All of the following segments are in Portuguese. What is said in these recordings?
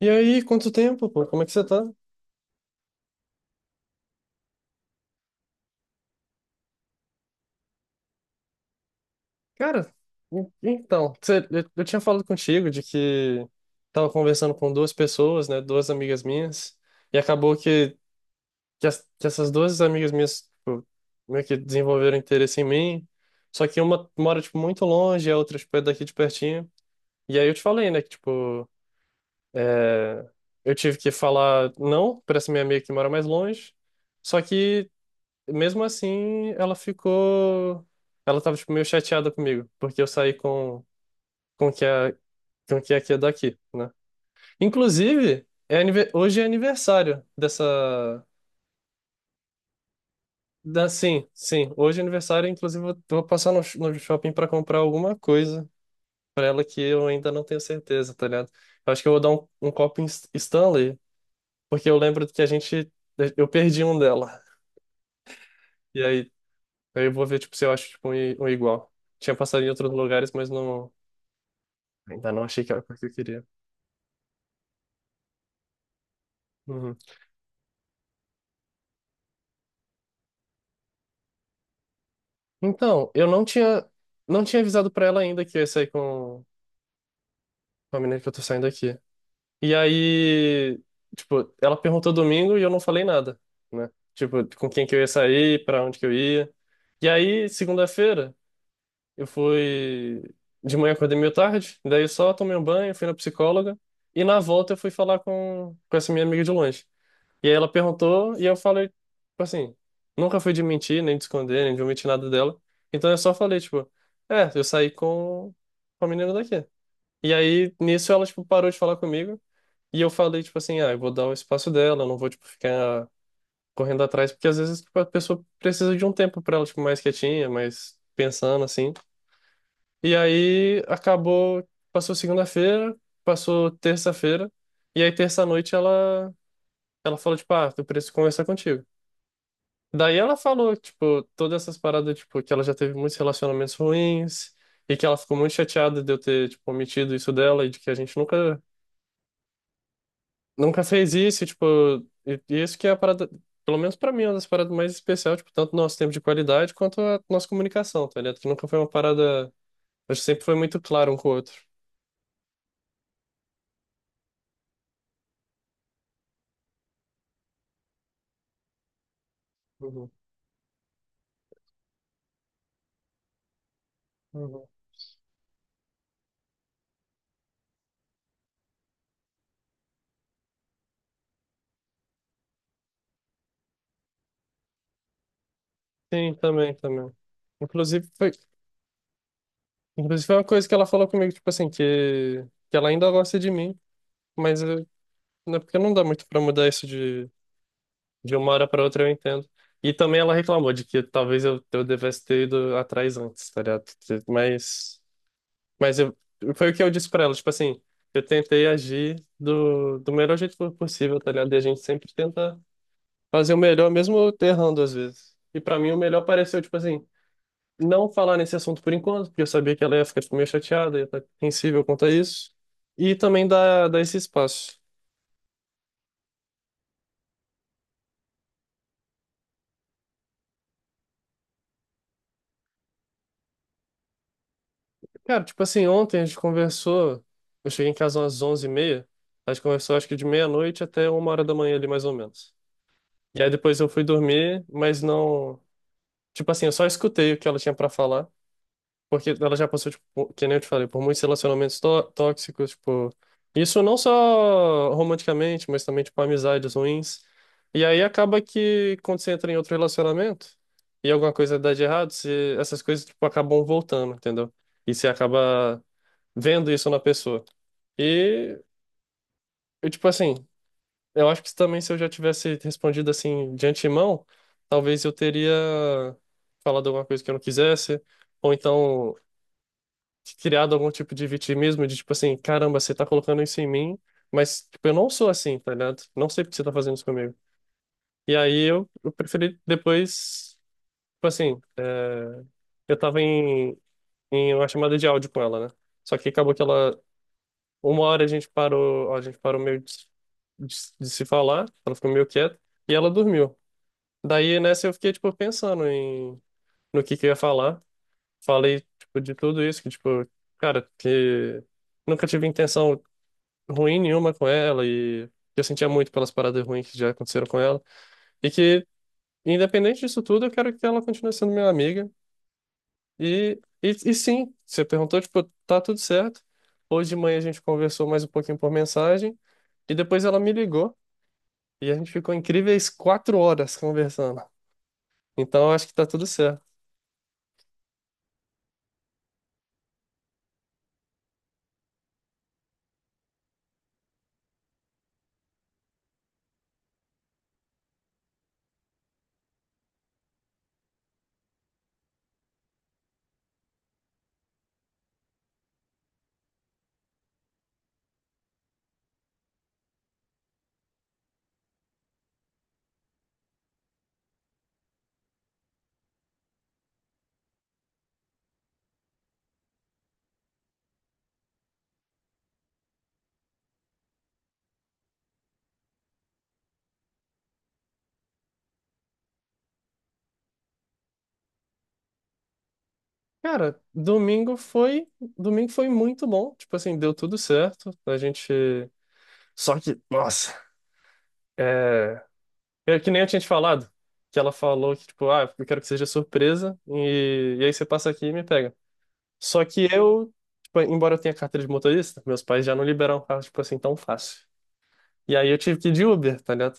E aí, quanto tempo, pô? Como é que você tá? Cara, então, eu tinha falado contigo de que tava conversando com duas pessoas, né? Duas amigas minhas, e acabou que essas duas amigas minhas, tipo, meio que desenvolveram interesse em mim, só que uma mora, tipo, muito longe, e a outra, tipo, é daqui de pertinho. E aí eu te falei, né, que, tipo, é, eu tive que falar não pra essa minha amiga que mora mais longe, só que, mesmo assim, ela ficou. Ela tava, tipo, meio chateada comigo, porque eu saí com o que é, com o que é aqui é daqui, né? Inclusive, hoje é aniversário dessa. Sim, sim, hoje é aniversário, inclusive eu vou passar no shopping pra comprar alguma coisa pra ela que eu ainda não tenho certeza, tá ligado? Eu acho que eu vou dar um copo em Stanley, porque eu lembro que a gente. Eu perdi um dela. E aí, eu vou ver, tipo, se eu acho, tipo, um igual. Tinha passado em outros lugares, mas não. Ainda não achei que era porque eu queria. Uhum. Então, eu não tinha avisado pra ela ainda que eu ia sair com a menina que eu tô saindo aqui. E aí, tipo, ela perguntou domingo e eu não falei nada, né? Tipo, com quem que eu ia sair, pra onde que eu ia. E aí, segunda-feira, eu fui. De manhã acordei meio tarde, daí eu só tomei um banho, fui na psicóloga. E na volta eu fui falar com essa minha amiga de longe. E aí ela perguntou e eu falei, tipo assim, nunca fui de mentir, nem de esconder, nem de omitir nada dela. Então eu só falei, tipo, eu saí com a menina daqui. E aí nisso ela, tipo, parou de falar comigo. E eu falei, tipo assim, ah, eu vou dar o espaço dela, eu não vou, tipo, ficar correndo atrás, porque às vezes, tipo, a pessoa precisa de um tempo pra ela, tipo, mais quietinha, mais pensando, assim. E aí acabou, passou segunda-feira, passou terça-feira. E aí terça-noite ela falou, tipo, ah, eu preciso conversar contigo. Daí ela falou, tipo, todas essas paradas, tipo, que ela já teve muitos relacionamentos ruins e que ela ficou muito chateada de eu ter, tipo, omitido isso dela e de que a gente nunca fez isso, e, tipo, e isso que é a parada, pelo menos pra mim, é uma das paradas mais especiais, tipo, tanto nosso tempo de qualidade quanto a nossa comunicação, tá ligado? Que nunca foi uma parada, a gente sempre foi muito claro um com o outro. Uhum, uhum. Sim, também, também. Inclusive foi, inclusive foi uma coisa que ela falou comigo, tipo assim, que ela ainda gosta de mim, mas né? Porque não dá muito pra mudar isso de uma hora pra outra, eu entendo. E também ela reclamou de que talvez eu devesse ter ido atrás antes, tá ligado? Mas, mas eu, foi o que eu disse pra ela, tipo assim, eu tentei agir do melhor jeito possível, tá ligado? E a gente sempre tenta fazer o melhor, mesmo errando às vezes. E pra mim o melhor pareceu, tipo assim, não falar nesse assunto por enquanto, porque eu sabia que ela ia ficar, tipo, meio chateada, ia estar sensível quanto a isso. E também dar esse espaço. Cara, tipo assim, ontem a gente conversou. Eu cheguei em casa umas 11h30. A gente conversou acho que de meia-noite até 1h da manhã ali, mais ou menos. E aí depois eu fui dormir, mas não. Tipo assim, eu só escutei o que ela tinha pra falar. Porque ela já passou, tipo, que nem eu te falei, por muitos relacionamentos tóxicos, tipo. Isso não só romanticamente, mas também, tipo, amizades ruins. E aí acaba que quando você entra em outro relacionamento e alguma coisa dá de errado, essas coisas, tipo, acabam voltando, entendeu? E você acaba vendo isso na pessoa. E eu, tipo assim, eu acho que também se eu já tivesse respondido assim de antemão, talvez eu teria falado alguma coisa que eu não quisesse, ou então criado algum tipo de vitimismo de tipo assim, caramba, você tá colocando isso em mim, mas tipo, eu não sou assim, tá ligado? Não sei porque você tá fazendo isso comigo. E aí eu preferi depois, tipo assim, é, eu tava em uma chamada de áudio com ela, né? Só que acabou que ela. Uma hora a gente parou meio de se falar, ela ficou meio quieta, e ela dormiu. Daí nessa eu fiquei, tipo, pensando no que eu ia falar. Falei, tipo, de tudo isso, que, tipo, cara, que nunca tive intenção ruim nenhuma com ela, e que eu sentia muito pelas paradas ruins que já aconteceram com ela, e que, independente disso tudo, eu quero que ela continue sendo minha amiga. E sim, você perguntou, tipo, tá tudo certo. Hoje de manhã a gente conversou mais um pouquinho por mensagem. E depois ela me ligou. E a gente ficou incríveis 4 horas conversando. Então eu acho que tá tudo certo. Cara, domingo foi muito bom. Tipo assim, deu tudo certo. A gente. Só que, nossa. É que nem eu tinha te falado, que ela falou que, tipo, ah, eu quero que seja surpresa, e aí você passa aqui e me pega. Só que eu, tipo, embora eu tenha carteira de motorista, meus pais já não liberaram carro, tipo assim, tão fácil. E aí eu tive que ir de Uber, tá ligado?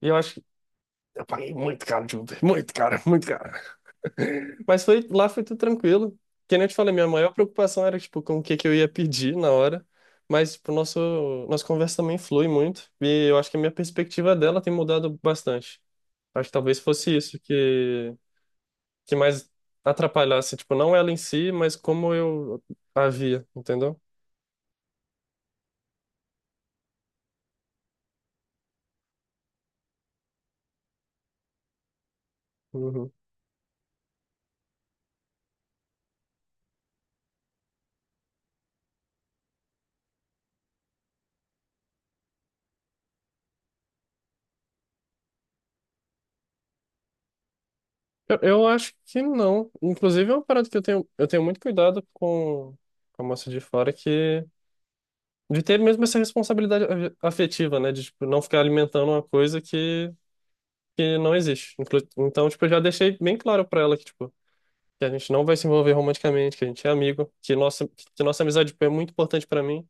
E eu acho que eu paguei muito caro de Uber, muito caro, muito caro. Lá foi tudo tranquilo. Que nem eu te falei, minha maior preocupação era, tipo, com o que que eu ia pedir na hora. Mas, tipo, nossa conversa também flui muito, e eu acho que a minha perspectiva dela tem mudado bastante. Acho que talvez fosse isso que mais atrapalhasse, tipo, não ela em si, mas como eu a via, entendeu? Uhum. Eu acho que não. Inclusive, é uma parada que eu tenho muito cuidado com a moça de fora, que de ter mesmo essa responsabilidade afetiva, né? De, tipo, não ficar alimentando uma coisa que não existe. Então, tipo, eu já deixei bem claro pra ela que, tipo, que a gente não vai se envolver romanticamente, que a gente é amigo, que nossa amizade, tipo, é muito importante pra mim.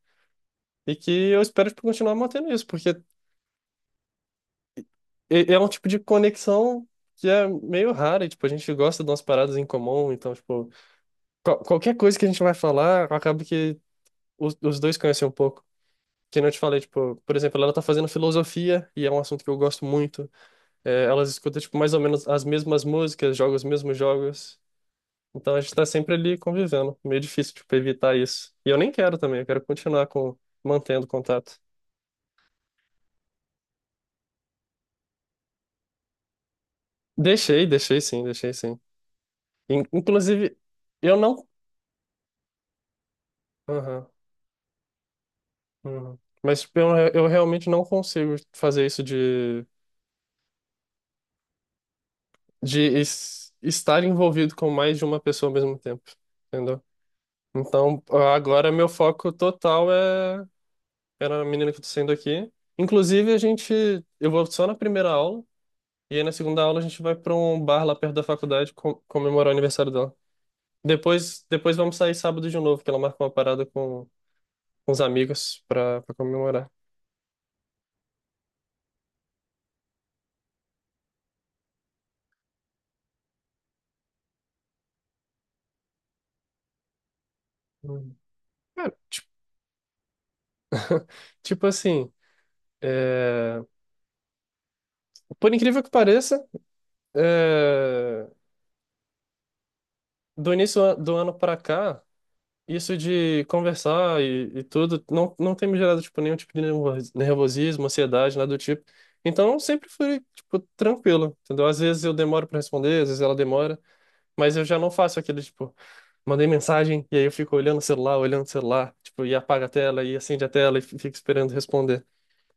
E que eu espero, tipo, continuar mantendo isso, porque é um tipo de conexão que é meio rara, e, tipo, a gente gosta de umas paradas em comum, então, tipo, qualquer coisa que a gente vai falar, acaba que os dois conhecem um pouco. Que nem eu te falei, tipo, por exemplo, ela tá fazendo filosofia e é um assunto que eu gosto muito. É, elas escutam, tipo, mais ou menos as mesmas músicas, jogam os mesmos jogos. Então a gente tá sempre ali convivendo. Meio difícil, tipo, evitar isso. E eu nem quero também, eu quero continuar mantendo contato. Deixei, deixei sim, deixei sim. Inclusive, eu não. Aham. Uhum. Mas tipo, eu realmente não consigo fazer isso de estar envolvido com mais de uma pessoa ao mesmo tempo, entendeu? Então, agora meu foco total é na menina que eu tô saindo aqui. Inclusive, a gente, eu vou só na primeira aula, e aí na segunda aula a gente vai pra um bar lá perto da faculdade comemorar o aniversário dela. Depois, vamos sair sábado de novo, que ela marcou uma parada com os amigos pra comemorar. Hum. Cara, tipo assim, é, por incrível que pareça, é, do início do ano pra cá. Isso de conversar e tudo não tem me gerado, tipo, nenhum tipo de nervosismo, ansiedade, nada do tipo. Então, eu sempre fui, tipo, tranquilo, entendeu? Às vezes eu demoro para responder, às vezes ela demora, mas eu já não faço aquele, tipo, mandei mensagem e aí eu fico olhando o celular, tipo, e apaga a tela e acende a tela e fico esperando responder.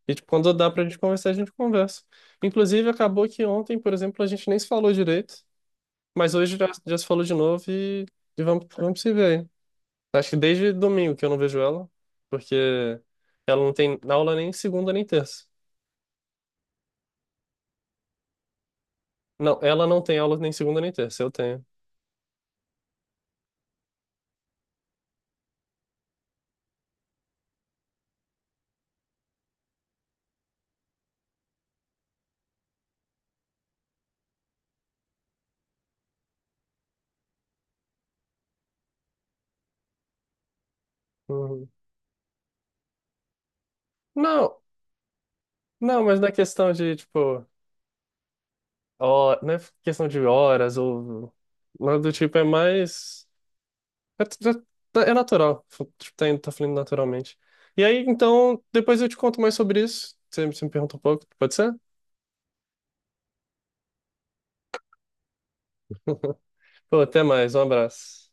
E, tipo, quando dá pra gente conversar, a gente conversa. Inclusive, acabou que ontem, por exemplo, a gente nem se falou direito, mas hoje já se falou de novo e vamos se ver aí. Acho que desde domingo que eu não vejo ela, porque ela não tem aula nem segunda nem terça. Não, ela não tem aula nem segunda nem terça, eu tenho. Uhum. Não, não, mas na questão de, tipo, hora, não é questão de horas ou nada do tipo, é mais. É, é- é natural, está tá fluindo naturalmente. E aí, então, depois eu te conto mais sobre isso. Você me pergunta um pouco, pode ser? Pô, até mais, um abraço.